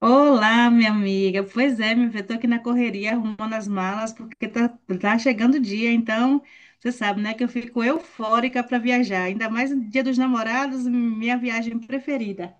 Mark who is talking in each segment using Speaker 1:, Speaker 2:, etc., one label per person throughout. Speaker 1: Olá, minha amiga. Pois é, minha filha, tô aqui na correria arrumando as malas porque tá chegando o dia, então você sabe, né, que eu fico eufórica para viajar, ainda mais no Dia dos Namorados, minha viagem preferida.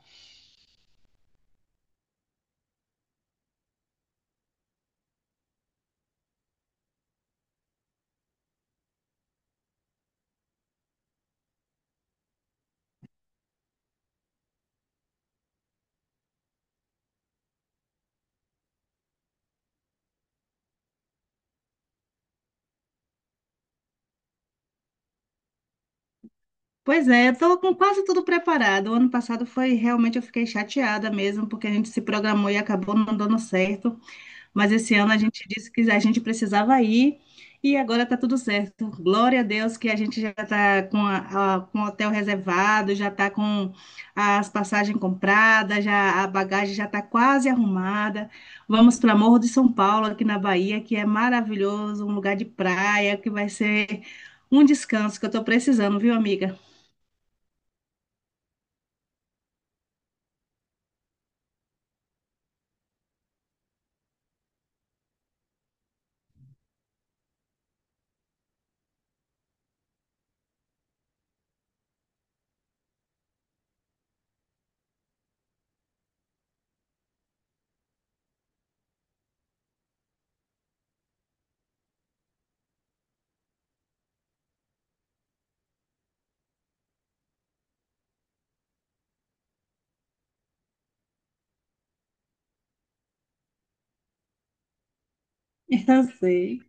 Speaker 1: Pois é, eu tô com quase tudo preparado. O ano passado foi realmente eu fiquei chateada mesmo porque a gente se programou e acabou não dando certo. Mas esse ano a gente disse que a gente precisava ir e agora está tudo certo. Glória a Deus que a gente já está com o hotel reservado, já está com as passagens compradas, já a bagagem já está quase arrumada. Vamos para Morro de São Paulo, aqui na Bahia, que é maravilhoso, um lugar de praia, que vai ser um descanso que eu estou precisando, viu, amiga? Eu sei.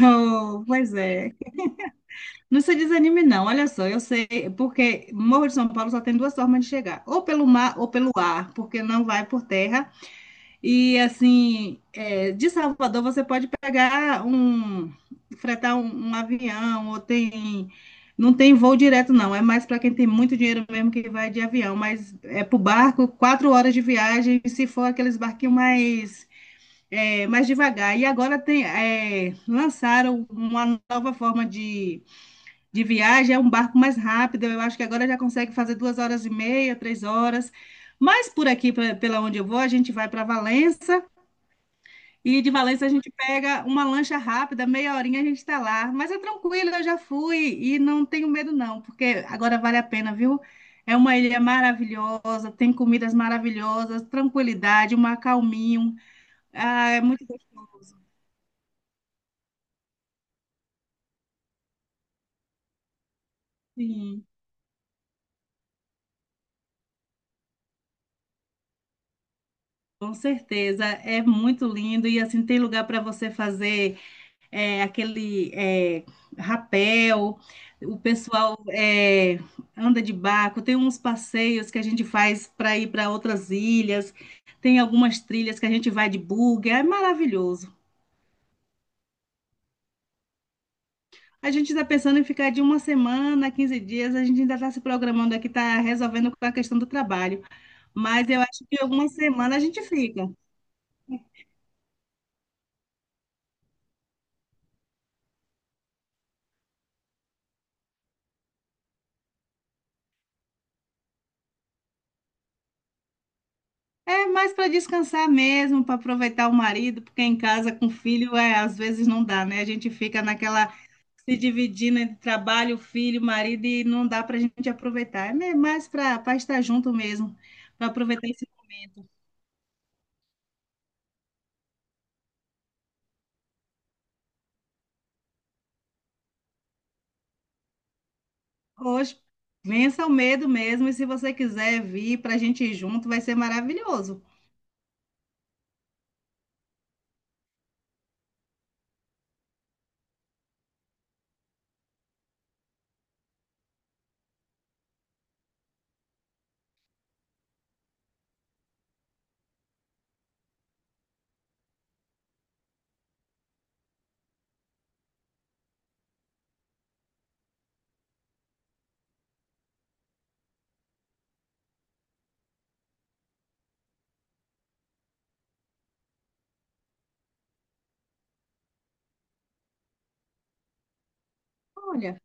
Speaker 1: Oh, pois é. Não se desanime, não. Olha só, eu sei, porque Morro de São Paulo só tem duas formas de chegar, ou pelo mar ou pelo ar, porque não vai por terra. E assim, de Salvador você pode pegar um, fretar um avião, ou tem, não tem voo direto, não. É mais para quem tem muito dinheiro mesmo que vai de avião, mas é para barco, 4 horas de viagem, se for aqueles barquinhos mais devagar. E agora tem, lançaram uma nova forma de viagem, é um barco mais rápido. Eu acho que agora já consegue fazer 2 horas e meia, 3 horas. Mas por aqui, pela onde eu vou, a gente vai para Valença e de Valença a gente pega uma lancha rápida, meia horinha a gente está lá. Mas é tranquilo, eu já fui e não tenho medo não, porque agora vale a pena, viu? É uma ilha maravilhosa, tem comidas maravilhosas, tranquilidade, um acalminho. Ah, é muito gostoso. Sim, com certeza. É muito lindo e assim tem lugar para você fazer aquele rapel, o pessoal anda de barco, tem uns passeios que a gente faz para ir para outras ilhas, tem algumas trilhas que a gente vai de buggy, é maravilhoso. A gente está pensando em ficar de uma semana, 15 dias, a gente ainda está se programando aqui, está resolvendo com a questão do trabalho. Mas eu acho que alguma semana a gente fica. É mais para descansar mesmo, para aproveitar o marido, porque em casa com filho, é, às vezes não dá, né? A gente fica naquela se dividindo entre trabalho, filho, marido, e não dá para a gente aproveitar. É mais para estar junto mesmo, para aproveitar esse momento. Hoje, vença o medo mesmo, e se você quiser vir para a gente ir junto, vai ser maravilhoso. Olha,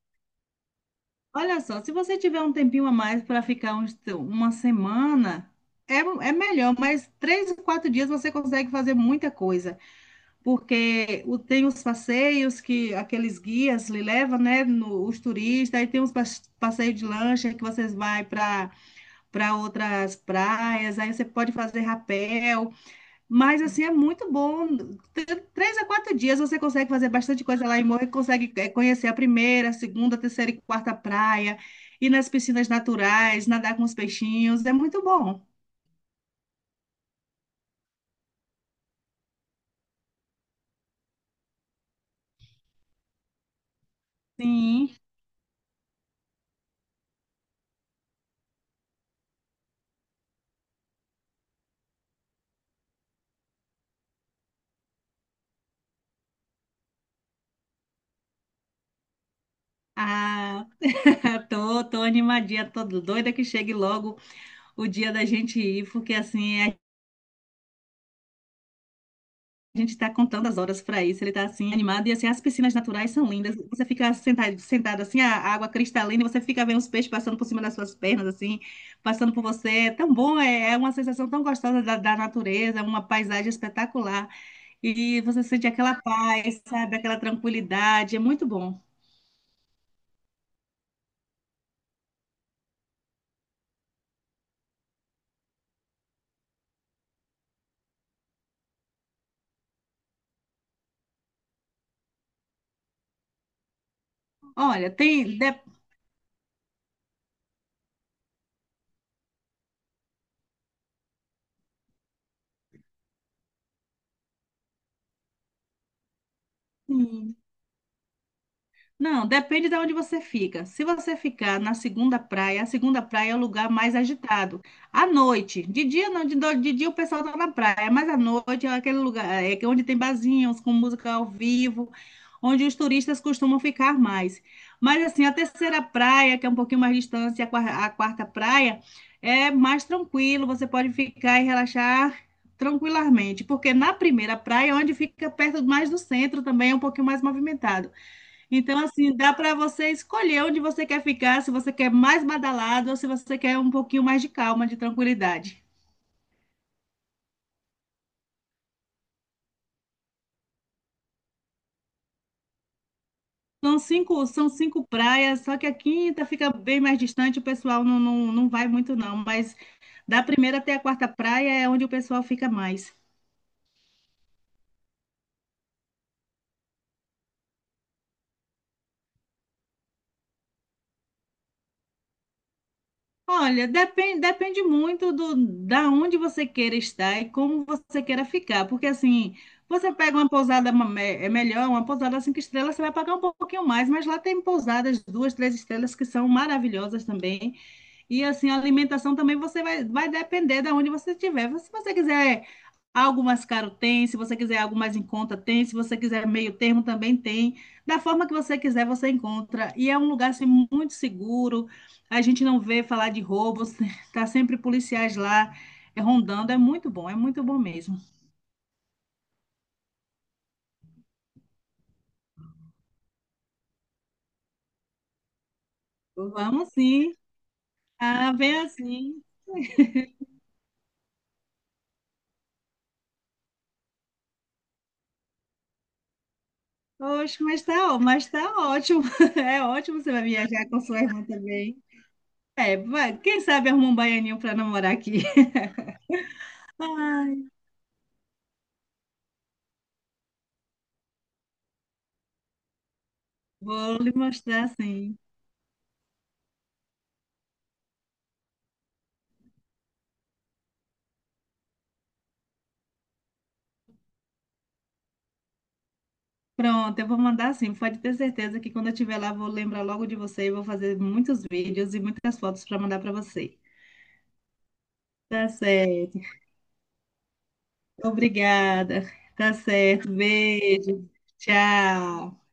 Speaker 1: olha só, se você tiver um tempinho a mais para ficar uma semana, é, é melhor, mas 3, 4 dias você consegue fazer muita coisa. Porque tem os passeios que aqueles guias lhe levam, né, os turistas, aí tem os passeios de lancha que vocês vai para outras praias, aí você pode fazer rapel, mas assim é muito bom. 3 a 4 dias você consegue fazer bastante coisa lá em Morro, consegue conhecer a primeira, a segunda, a terceira e quarta praia, ir nas piscinas naturais, nadar com os peixinhos, é muito bom. Sim. Ah, tô animadinha, tô doida que chegue logo o dia da gente ir, porque assim, a gente tá contando as horas para isso, ele tá assim animado e assim, as piscinas naturais são lindas. Você fica sentado, sentado assim, a água cristalina, e você fica vendo os peixes passando por cima das suas pernas assim, passando por você. É tão bom, é uma sensação tão gostosa da natureza, uma paisagem espetacular. E você sente aquela paz, sabe, aquela tranquilidade, é muito bom. Olha, hum, Não, depende de onde você fica. Se você ficar na segunda praia, a segunda praia é o lugar mais agitado. À noite, de dia não, de dia o pessoal tá na praia, mas à noite é aquele lugar é que onde tem barzinhos com música ao vivo, onde os turistas costumam ficar mais. Mas assim, a terceira praia, que é um pouquinho mais distante, a a quarta praia, é mais tranquilo, você pode ficar e relaxar tranquilamente, porque na primeira praia, é onde fica perto mais do centro, também é um pouquinho mais movimentado. Então, assim, dá para você escolher onde você quer ficar, se você quer mais badalado ou se você quer um pouquinho mais de calma, de tranquilidade. São cinco praias, só que a quinta fica bem mais distante, o pessoal não vai muito, não. Mas da primeira até a quarta praia é onde o pessoal fica mais. Olha, depende muito do da onde você queira estar e como você queira ficar, porque assim, você pega uma pousada é melhor, uma pousada cinco estrelas, você vai pagar um pouquinho mais, mas lá tem pousadas duas, três estrelas que são maravilhosas também. E assim, a alimentação também você vai depender da onde você estiver. Se você quiser algo mais caro tem, se você quiser algo mais em conta tem, se você quiser meio termo também tem. Da forma que você quiser, você encontra. E é um lugar assim, muito seguro. A gente não vê falar de roubos, tá sempre policiais lá rondando. É muito bom mesmo. Vamos sim. Ah, vem assim. Oxe, mas tá ótimo. É ótimo, você vai viajar com sua irmã também. É, vai, quem sabe arruma um baianinho para namorar aqui. Ai, vou lhe mostrar sim. Pronto, eu vou mandar sim. Pode ter certeza que quando eu estiver lá, vou lembrar logo de você e vou fazer muitos vídeos e muitas fotos para mandar para você. Tá certo. Obrigada. Tá certo. Beijo. Tchau.